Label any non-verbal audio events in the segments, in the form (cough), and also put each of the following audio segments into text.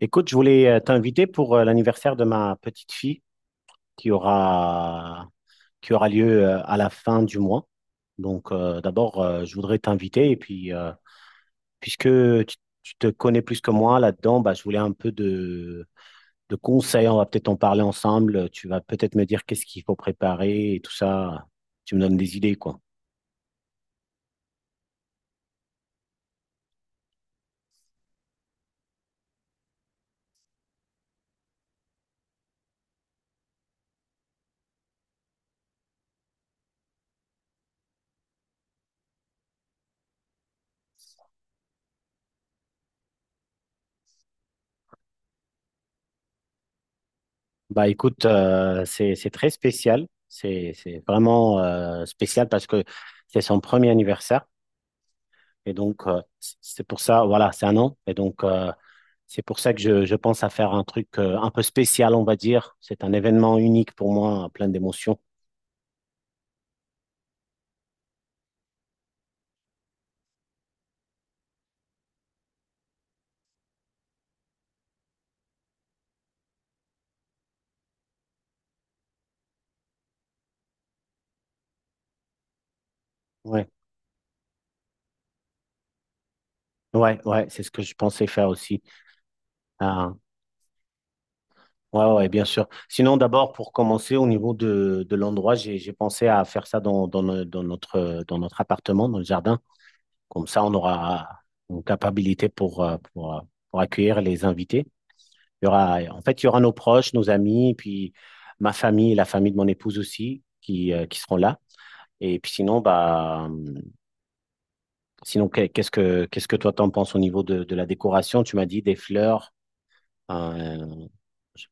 Écoute, je voulais t'inviter pour l'anniversaire de ma petite fille qui aura, qui aura lieu à la fin du mois. Donc, d'abord, je voudrais t'inviter et puis, puisque tu, tu te connais plus que moi là-dedans, bah, je voulais un peu de conseils. On va peut-être en parler ensemble. Tu vas peut-être me dire qu'est-ce qu'il faut préparer et tout ça. Tu me donnes des idées, quoi. Bah, écoute, c'est très spécial. C'est vraiment spécial parce que c'est son premier anniversaire. Et donc, c'est pour ça, voilà, c'est un an. Et donc, c'est pour ça que je pense à faire un truc un peu spécial, on va dire. C'est un événement unique pour moi, plein d'émotions. Ouais, ouais, c'est ce que je pensais faire aussi. Ah, ouais, bien sûr. Sinon, d'abord, pour commencer, au niveau de l'endroit, j'ai pensé à faire ça dans, dans, no- dans notre appartement, dans le jardin. Comme ça, on aura une capacité pour accueillir les invités. Il y aura, en fait, il y aura nos proches, nos amis, et puis ma famille, la famille de mon épouse aussi, qui seront là. Et puis sinon, sinon, qu'est-ce que toi t'en penses au niveau de la décoration? Tu m'as dit des fleurs. euh, je-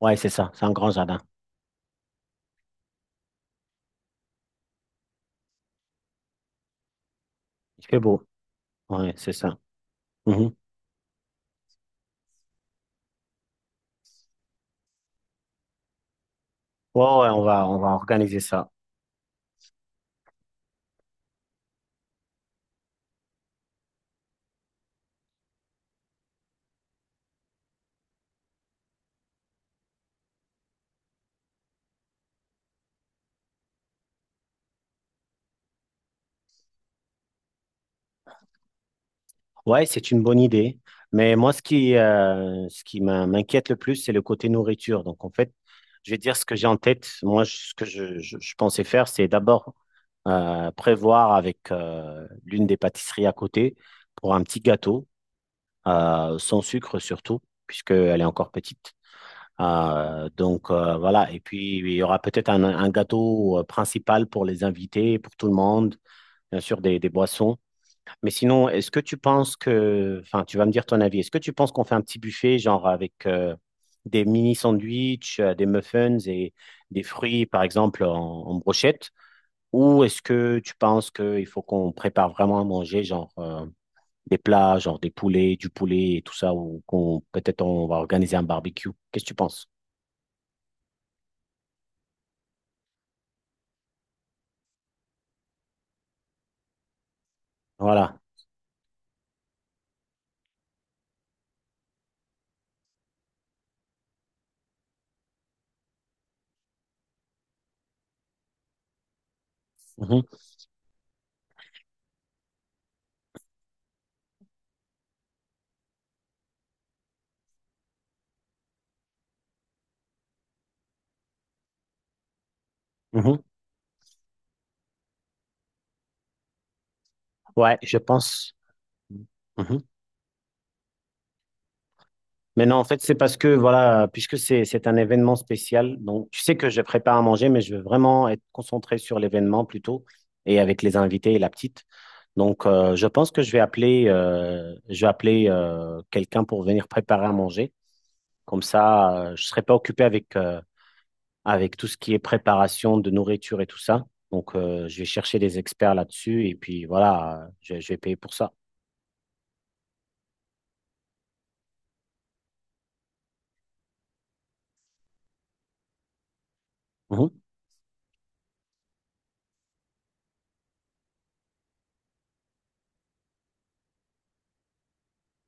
Ouais, c'est ça. C'est un grand jardin. Il fait beau. Ouais, c'est ça. Mhm. Ouais, on va organiser ça. Ouais, c'est une bonne idée. Mais moi, ce qui m'inquiète le plus, c'est le côté nourriture. Donc, en fait, je vais dire ce que j'ai en tête. Ce que je pensais faire, c'est d'abord prévoir avec l'une des pâtisseries à côté pour un petit gâteau, sans sucre surtout, puisqu'elle est encore petite. Voilà. Et puis, il y aura peut-être un gâteau principal pour les invités, pour tout le monde, bien sûr, des boissons. Mais sinon, est-ce que tu penses que, enfin, tu vas me dire ton avis, est-ce que tu penses qu'on fait un petit buffet, genre avec des mini sandwichs, des muffins et des fruits, par exemple, en brochette? Ou est-ce que tu penses qu'il faut qu'on prépare vraiment à manger, genre des plats, genre des poulets, du poulet et tout ça, ou qu'on peut-être on va organiser un barbecue? Qu'est-ce que tu penses? Voilà. Mhm, mhm. Ouais, je pense. Mhm. Mais non, en fait, c'est parce que, voilà, puisque c'est un événement spécial, donc tu sais que je prépare à manger, mais je veux vraiment être concentré sur l'événement plutôt et avec les invités et la petite. Donc, je pense que je vais appeler quelqu'un pour venir préparer à manger. Comme ça, je serai pas occupé avec, avec tout ce qui est préparation de nourriture et tout ça. Donc, je vais chercher des experts là-dessus et puis voilà, je vais payer pour ça. Mhm.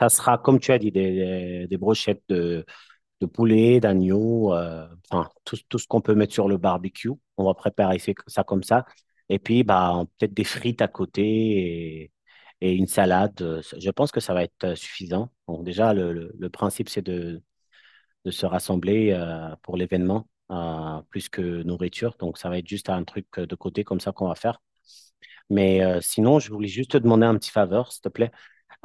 Ça sera, comme tu as dit, des, des brochettes de poulet, d'agneau, enfin, tout ce qu'on peut mettre sur le barbecue. On va préparer ça comme ça. Et puis, bah, peut-être des frites à côté et une salade. Je pense que ça va être suffisant. Bon, déjà, le principe, c'est de se rassembler pour l'événement, plus que nourriture, donc ça va être juste un truc de côté comme ça qu'on va faire. Mais sinon, je voulais juste te demander un petit faveur, s'il te plaît.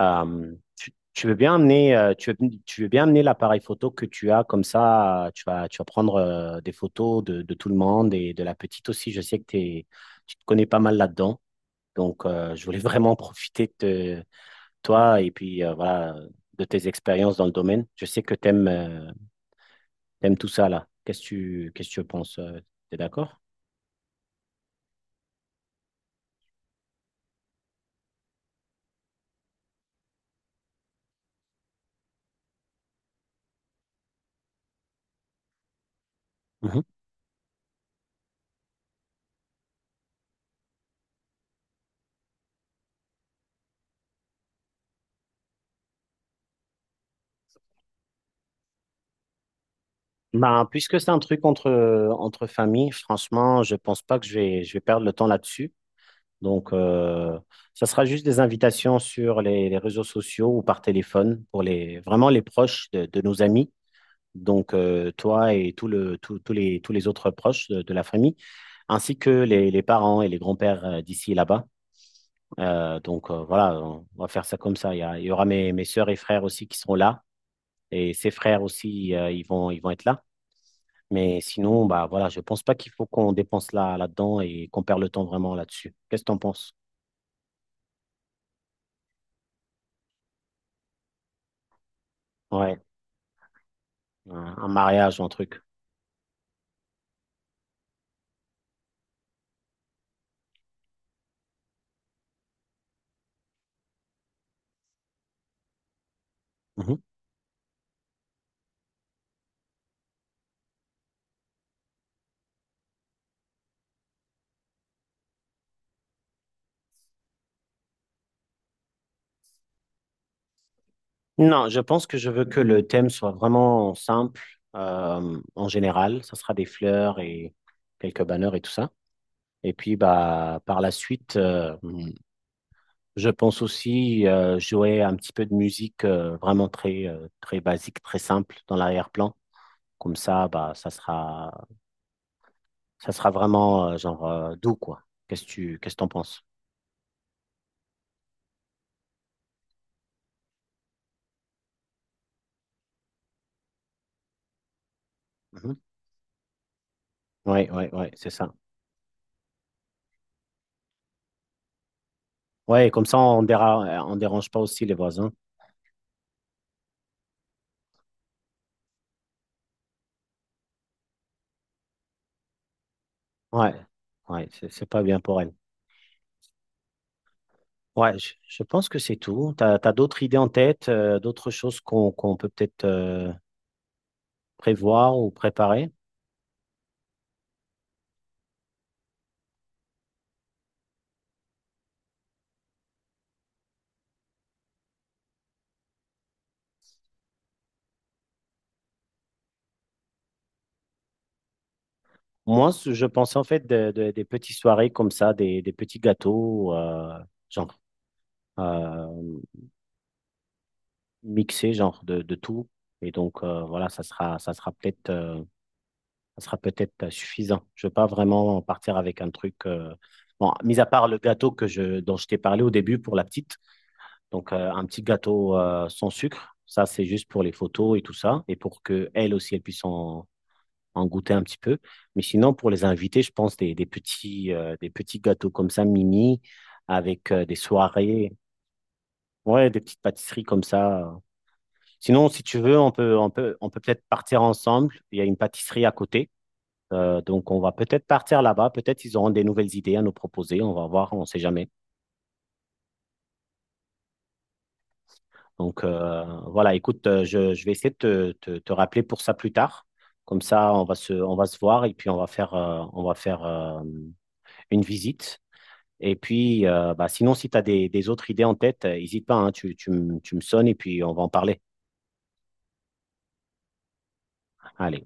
Tu veux bien amener, tu veux bien amener l'appareil photo que tu as, comme ça, tu vas prendre des photos de tout le monde et de la petite aussi. Je sais que t'es- Tu te connais pas mal là-dedans. Donc, je voulais (laughs) vraiment profiter de toi et puis voilà, de tes expériences dans le domaine. Je sais que tu t'aimes tout ça là. Qu'est-ce que tu penses? Tu es d'accord? Ben, puisque c'est un truc entre, entre familles, franchement, je pense pas que je vais perdre le temps là-dessus. Donc, ça sera juste des invitations sur les réseaux sociaux ou par téléphone pour les, vraiment les proches de nos amis. Donc, toi et tout le, tout- tous les autres proches de la famille, ainsi que les parents et les grands-pères d'ici et là-bas. Voilà, on va faire ça comme ça. Il y aura mes, mes sœurs et frères aussi qui seront là. Et ses frères aussi, ils vont être là. Mais sinon, bah voilà, je pense pas qu'il faut qu'on dépense là-dedans et qu'on perd le temps vraiment là-dessus. Qu'est-ce que t'en penses? Ouais, un mariage ou un truc. Mhm. Non, je pense que je veux que le thème soit vraiment simple en général. Ça sera des fleurs et quelques banners et tout ça. Et puis bah par la suite, je pense aussi jouer un petit peu de musique vraiment très très basique, très simple dans l'arrière-plan. Comme ça, bah ça sera ça sera vraiment doux, quoi. Qu'est-ce que t'en penses? Mhm. Ouais, c'est ça. Ouais, comme ça, on dérange pas aussi les voisins. Ouais, ouais, c'est pas bien pour elle. Ouais, je pense que c'est tout. T'as, t'as d'autres idées en tête, d'autres choses qu'on peut peut-être prévoir ou préparer? Moi, je pensais en fait des petites soirées comme ça, des petits gâteaux, genre euh, mixés, genre de tout. Et donc voilà, ça sera peut-être suffisant. Je ne veux pas vraiment partir avec un truc, bon, mis à part le gâteau dont je t'ai parlé au début pour la petite, donc un petit gâteau sans sucre, ça c'est juste pour les photos et tout ça, et pour que elle aussi elle puisse en goûter un petit peu. Mais sinon, pour les invités, je pense des, des petits gâteaux comme ça, mini, avec des soirées, ouais, des petites pâtisseries comme ça. Sinon, si tu veux, on peut peut-être partir ensemble. Il y a une pâtisserie à côté. On va peut-être partir là-bas. Peut-être ils auront des nouvelles idées à nous proposer. On va voir, on ne sait jamais. Donc, voilà, écoute, je vais essayer de te rappeler pour ça plus tard. Comme ça, on va se voir et puis on va faire une visite. Et puis, bah, sinon, si tu as des autres idées en tête, n'hésite pas, hein, tu me sonnes et puis on va en parler. Allez.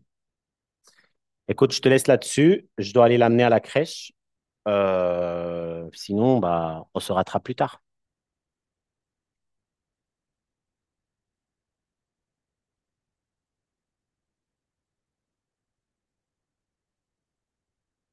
Écoute, je te laisse là-dessus. Je dois aller l'amener à la crèche. Sinon, bah, on se rattrape plus tard.